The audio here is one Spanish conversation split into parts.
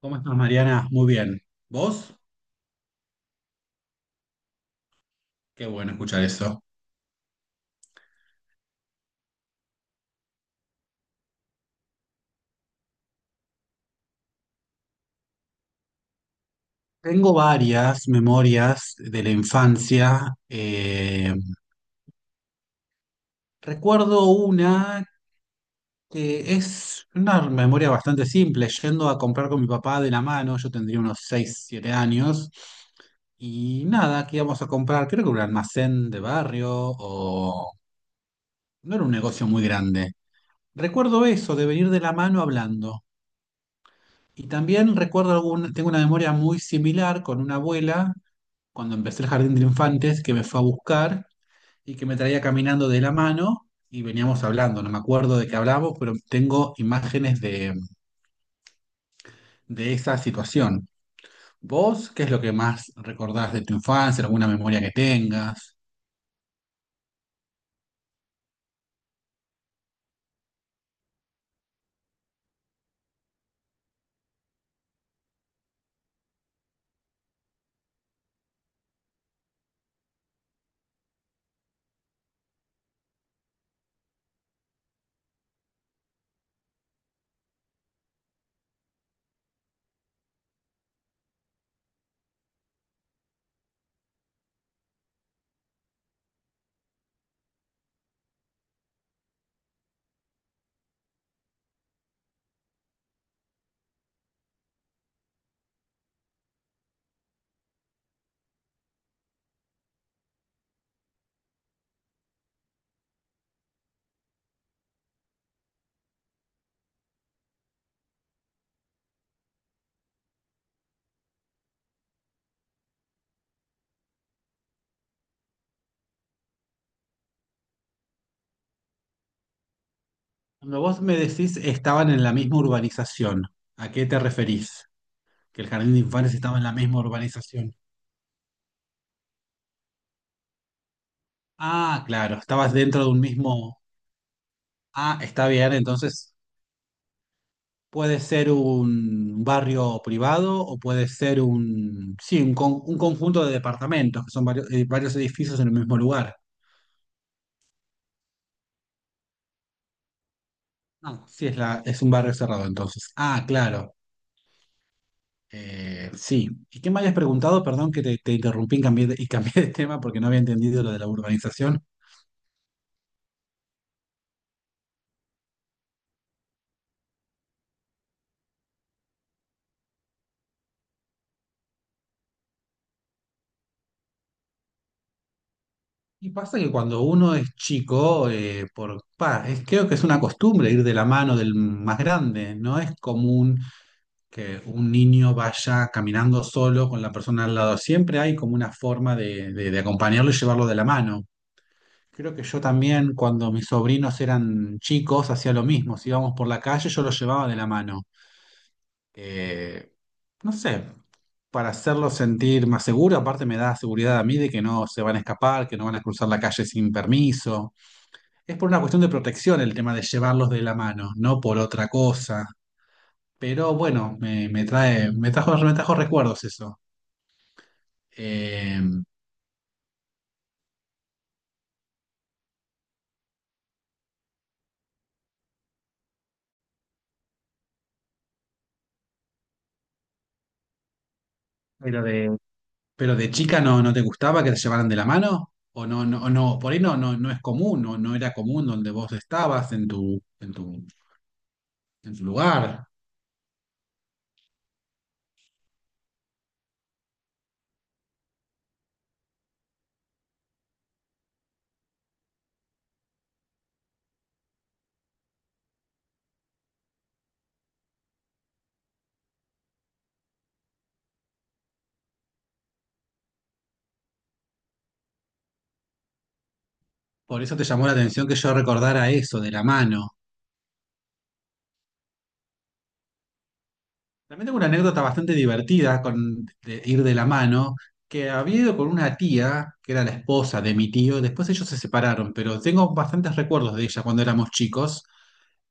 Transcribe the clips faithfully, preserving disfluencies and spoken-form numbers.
¿Cómo estás, Mariana? Muy bien. ¿Vos? Qué bueno escuchar eso. Tengo varias memorias de la infancia. Eh, recuerdo una que es una memoria bastante simple, yendo a comprar con mi papá de la mano, yo tendría unos seis, siete años, y nada, que íbamos a comprar, creo que un almacén de barrio o... No era un negocio muy grande. Recuerdo eso, de venir de la mano hablando. Y también recuerdo algún, tengo una memoria muy similar con una abuela cuando empecé el jardín de infantes, que me fue a buscar y que me traía caminando de la mano y veníamos hablando. No me acuerdo de qué hablamos, pero tengo imágenes de, de esa situación. ¿Vos qué es lo que más recordás de tu infancia, alguna memoria que tengas? Cuando vos me decís estaban en la misma urbanización, ¿a qué te referís? Que el jardín de infantes estaba en la misma urbanización. Ah, claro, estabas dentro de un mismo... Ah, está bien, entonces puede ser un barrio privado o puede ser un, sí, un, con- un conjunto de departamentos, que son varios, eh, varios edificios en el mismo lugar. Ah, sí, es, la, es un barrio cerrado entonces. Ah, claro. Eh, sí. ¿Y qué me habías preguntado? Perdón que te, te interrumpí y cambié de, y cambié de tema porque no había entendido lo de la urbanización. Y pasa que cuando uno es chico, eh, por, pa, es- creo que es una costumbre ir de la mano del más grande. No es común que un niño vaya caminando solo con la persona al lado. Siempre hay como una forma de, de- de acompañarlo y llevarlo de la mano. Creo que yo también, cuando mis sobrinos eran chicos, hacía lo mismo. Si íbamos por la calle, yo los llevaba de la mano, eh, no sé, para hacerlo sentir más seguro. Aparte me da seguridad a mí de que no se van a escapar, que no van a cruzar la calle sin permiso. Es por una cuestión de protección el tema de llevarlos de la mano, no por otra cosa. Pero bueno, me, me trae, me trajo, me trajo recuerdos eso. Eh, ¿Pero de, pero de chica no, no te gustaba que te llevaran de la mano, o no, no, o no, por ahí no, no, no es común, no, no era común donde vos estabas en tu, en tu, en tu lugar? Por eso te llamó la atención que yo recordara eso de la mano. También tengo una anécdota bastante divertida con de ir de la mano, que había ido con una tía, que era la esposa de mi tío, después ellos se separaron, pero tengo bastantes recuerdos de ella cuando éramos chicos.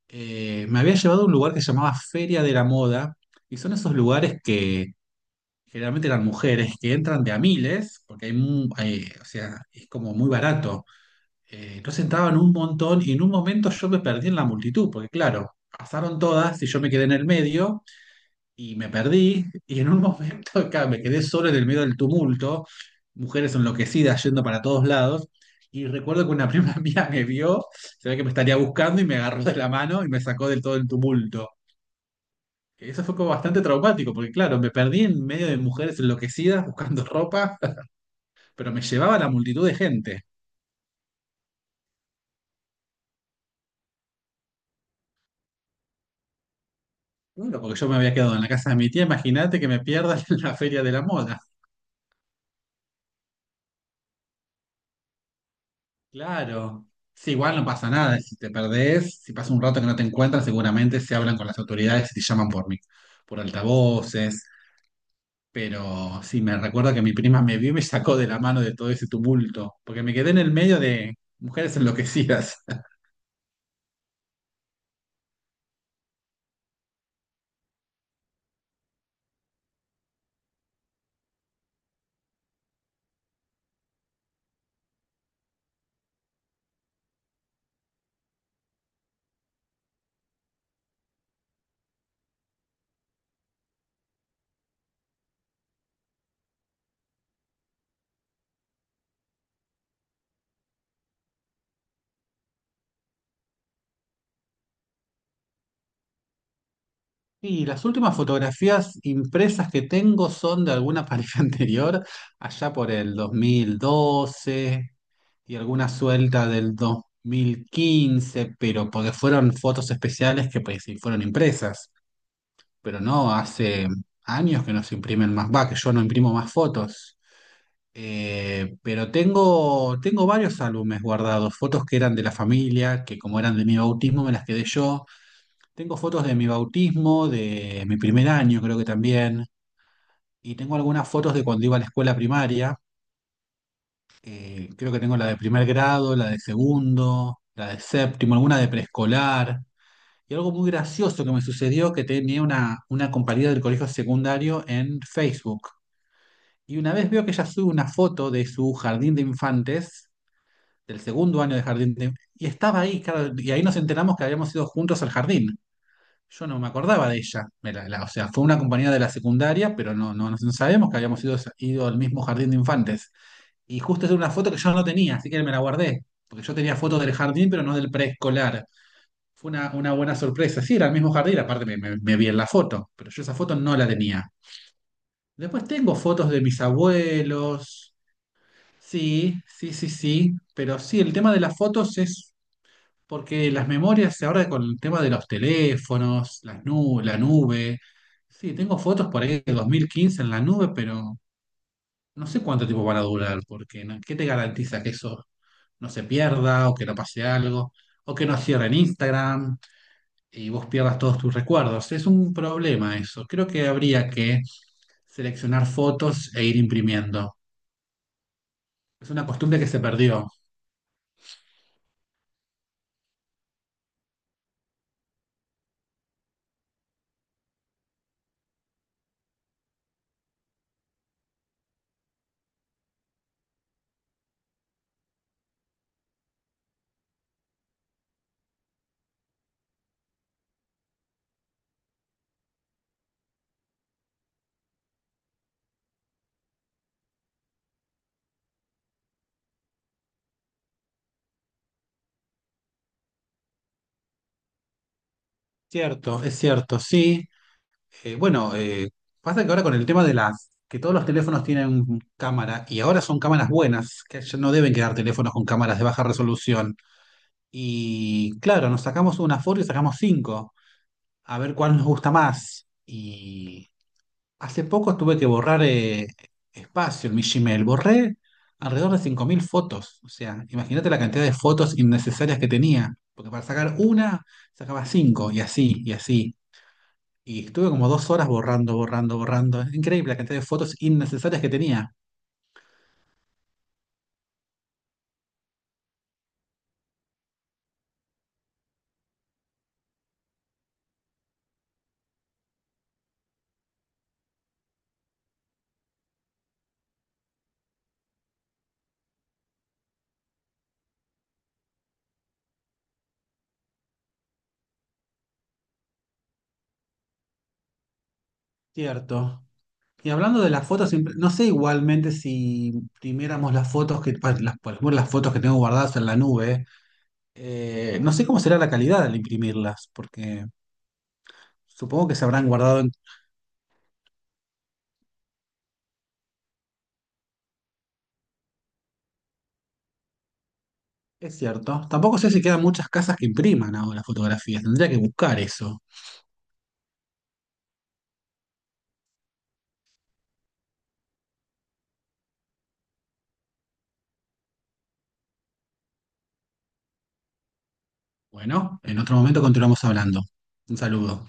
Eh, me había llevado a un lugar que se llamaba Feria de la Moda, y son esos lugares que generalmente eran mujeres, que entran de a miles, porque hay, mu- hay- o sea, es como muy barato. Eh, entonces entraban un montón y en un momento yo me perdí en la multitud, porque claro, pasaron todas y yo me quedé en el medio y me perdí y en un momento claro, me quedé solo en el medio del tumulto, mujeres enloquecidas yendo para todos lados. Y recuerdo que una prima mía me vio, se ve que me estaría buscando y me agarró de la mano y me sacó del todo el tumulto. Eso fue como bastante traumático, porque claro, me perdí en medio de mujeres enloquecidas buscando ropa, pero me llevaba la multitud de gente. Claro, porque yo me había quedado en la casa de mi tía, imagínate que me pierdas en la feria de la moda. Claro. Sí, igual no pasa nada, si te perdés, si pasa un rato que no te encuentran seguramente se hablan con las autoridades y te llaman por mí, por altavoces. Pero sí, me recuerda que mi prima me vio y me sacó de la mano de todo ese tumulto, porque me quedé en el medio de mujeres enloquecidas. Y las últimas fotografías impresas que tengo son de alguna pareja anterior, allá por el dos mil doce y alguna suelta del dos mil quince, pero porque fueron fotos especiales que pues sí fueron impresas, pero no, hace años que no se imprimen más, va, que yo no imprimo más fotos. Eh, pero tengo, tengo varios álbumes guardados, fotos que eran de la familia, que como eran de mi bautismo me las quedé yo. Tengo fotos de mi bautismo, de mi primer año creo que también, y tengo algunas fotos de cuando iba a la escuela primaria. Eh, creo que tengo la de primer grado, la de segundo, la de séptimo, alguna de preescolar. Y algo muy gracioso que me sucedió que tenía una, una compañera del colegio secundario en Facebook. Y una vez veo que ella sube una foto de su jardín de infantes, del segundo año de jardín de... Y estaba ahí, claro, y ahí nos enteramos que habíamos ido juntos al jardín. Yo no me acordaba de ella. Me la- la- o sea, fue una compañera de la secundaria, pero no, no, no sabíamos que habíamos ido, ido al mismo jardín de infantes. Y justo es una foto que yo no tenía, así que me la guardé. Porque yo tenía fotos del jardín, pero no del preescolar. Fue una, una buena sorpresa. Sí, era el mismo jardín, aparte me, me- me vi en la foto, pero yo esa foto no la tenía. Después tengo fotos de mis abuelos. Sí, sí, sí, sí. Pero sí, el tema de las fotos es porque las memorias, ahora con el tema de los teléfonos, las nu- la nube. Sí, tengo fotos por ahí de dos mil quince en la nube, pero no sé cuánto tiempo van a durar, porque ¿no? ¿Qué te garantiza que eso no se pierda o que no pase algo, o que nos cierren Instagram y vos pierdas todos tus recuerdos? Es un problema eso. Creo que habría que seleccionar fotos e ir imprimiendo. Es una costumbre que se perdió. Cierto, es cierto, sí. Eh, bueno, eh, pasa que ahora con el tema de las, que todos los teléfonos tienen cámara y ahora son cámaras buenas, que ya no deben quedar teléfonos con cámaras de baja resolución. Y claro, nos sacamos una foto y sacamos cinco, a ver cuál nos gusta más. Y hace poco tuve que borrar eh, espacio en mi Gmail. Borré alrededor de cinco mil fotos. O sea, imagínate la cantidad de fotos innecesarias que tenía. Porque para sacar una, sacaba cinco, y así, y así. Y estuve como dos horas borrando, borrando, borrando. Es increíble la cantidad de fotos innecesarias que tenía. Cierto. Y hablando de las fotos, siempre- no sé igualmente si imprimiéramos las fotos que, pa- las, por ejemplo, las fotos que tengo guardadas en la nube, eh, no sé cómo será la calidad al imprimirlas, porque supongo que se habrán guardado. Es cierto. Tampoco sé si quedan muchas casas que impriman ahora fotografías. Tendría que buscar eso. Bueno, en otro momento continuamos hablando. Un saludo.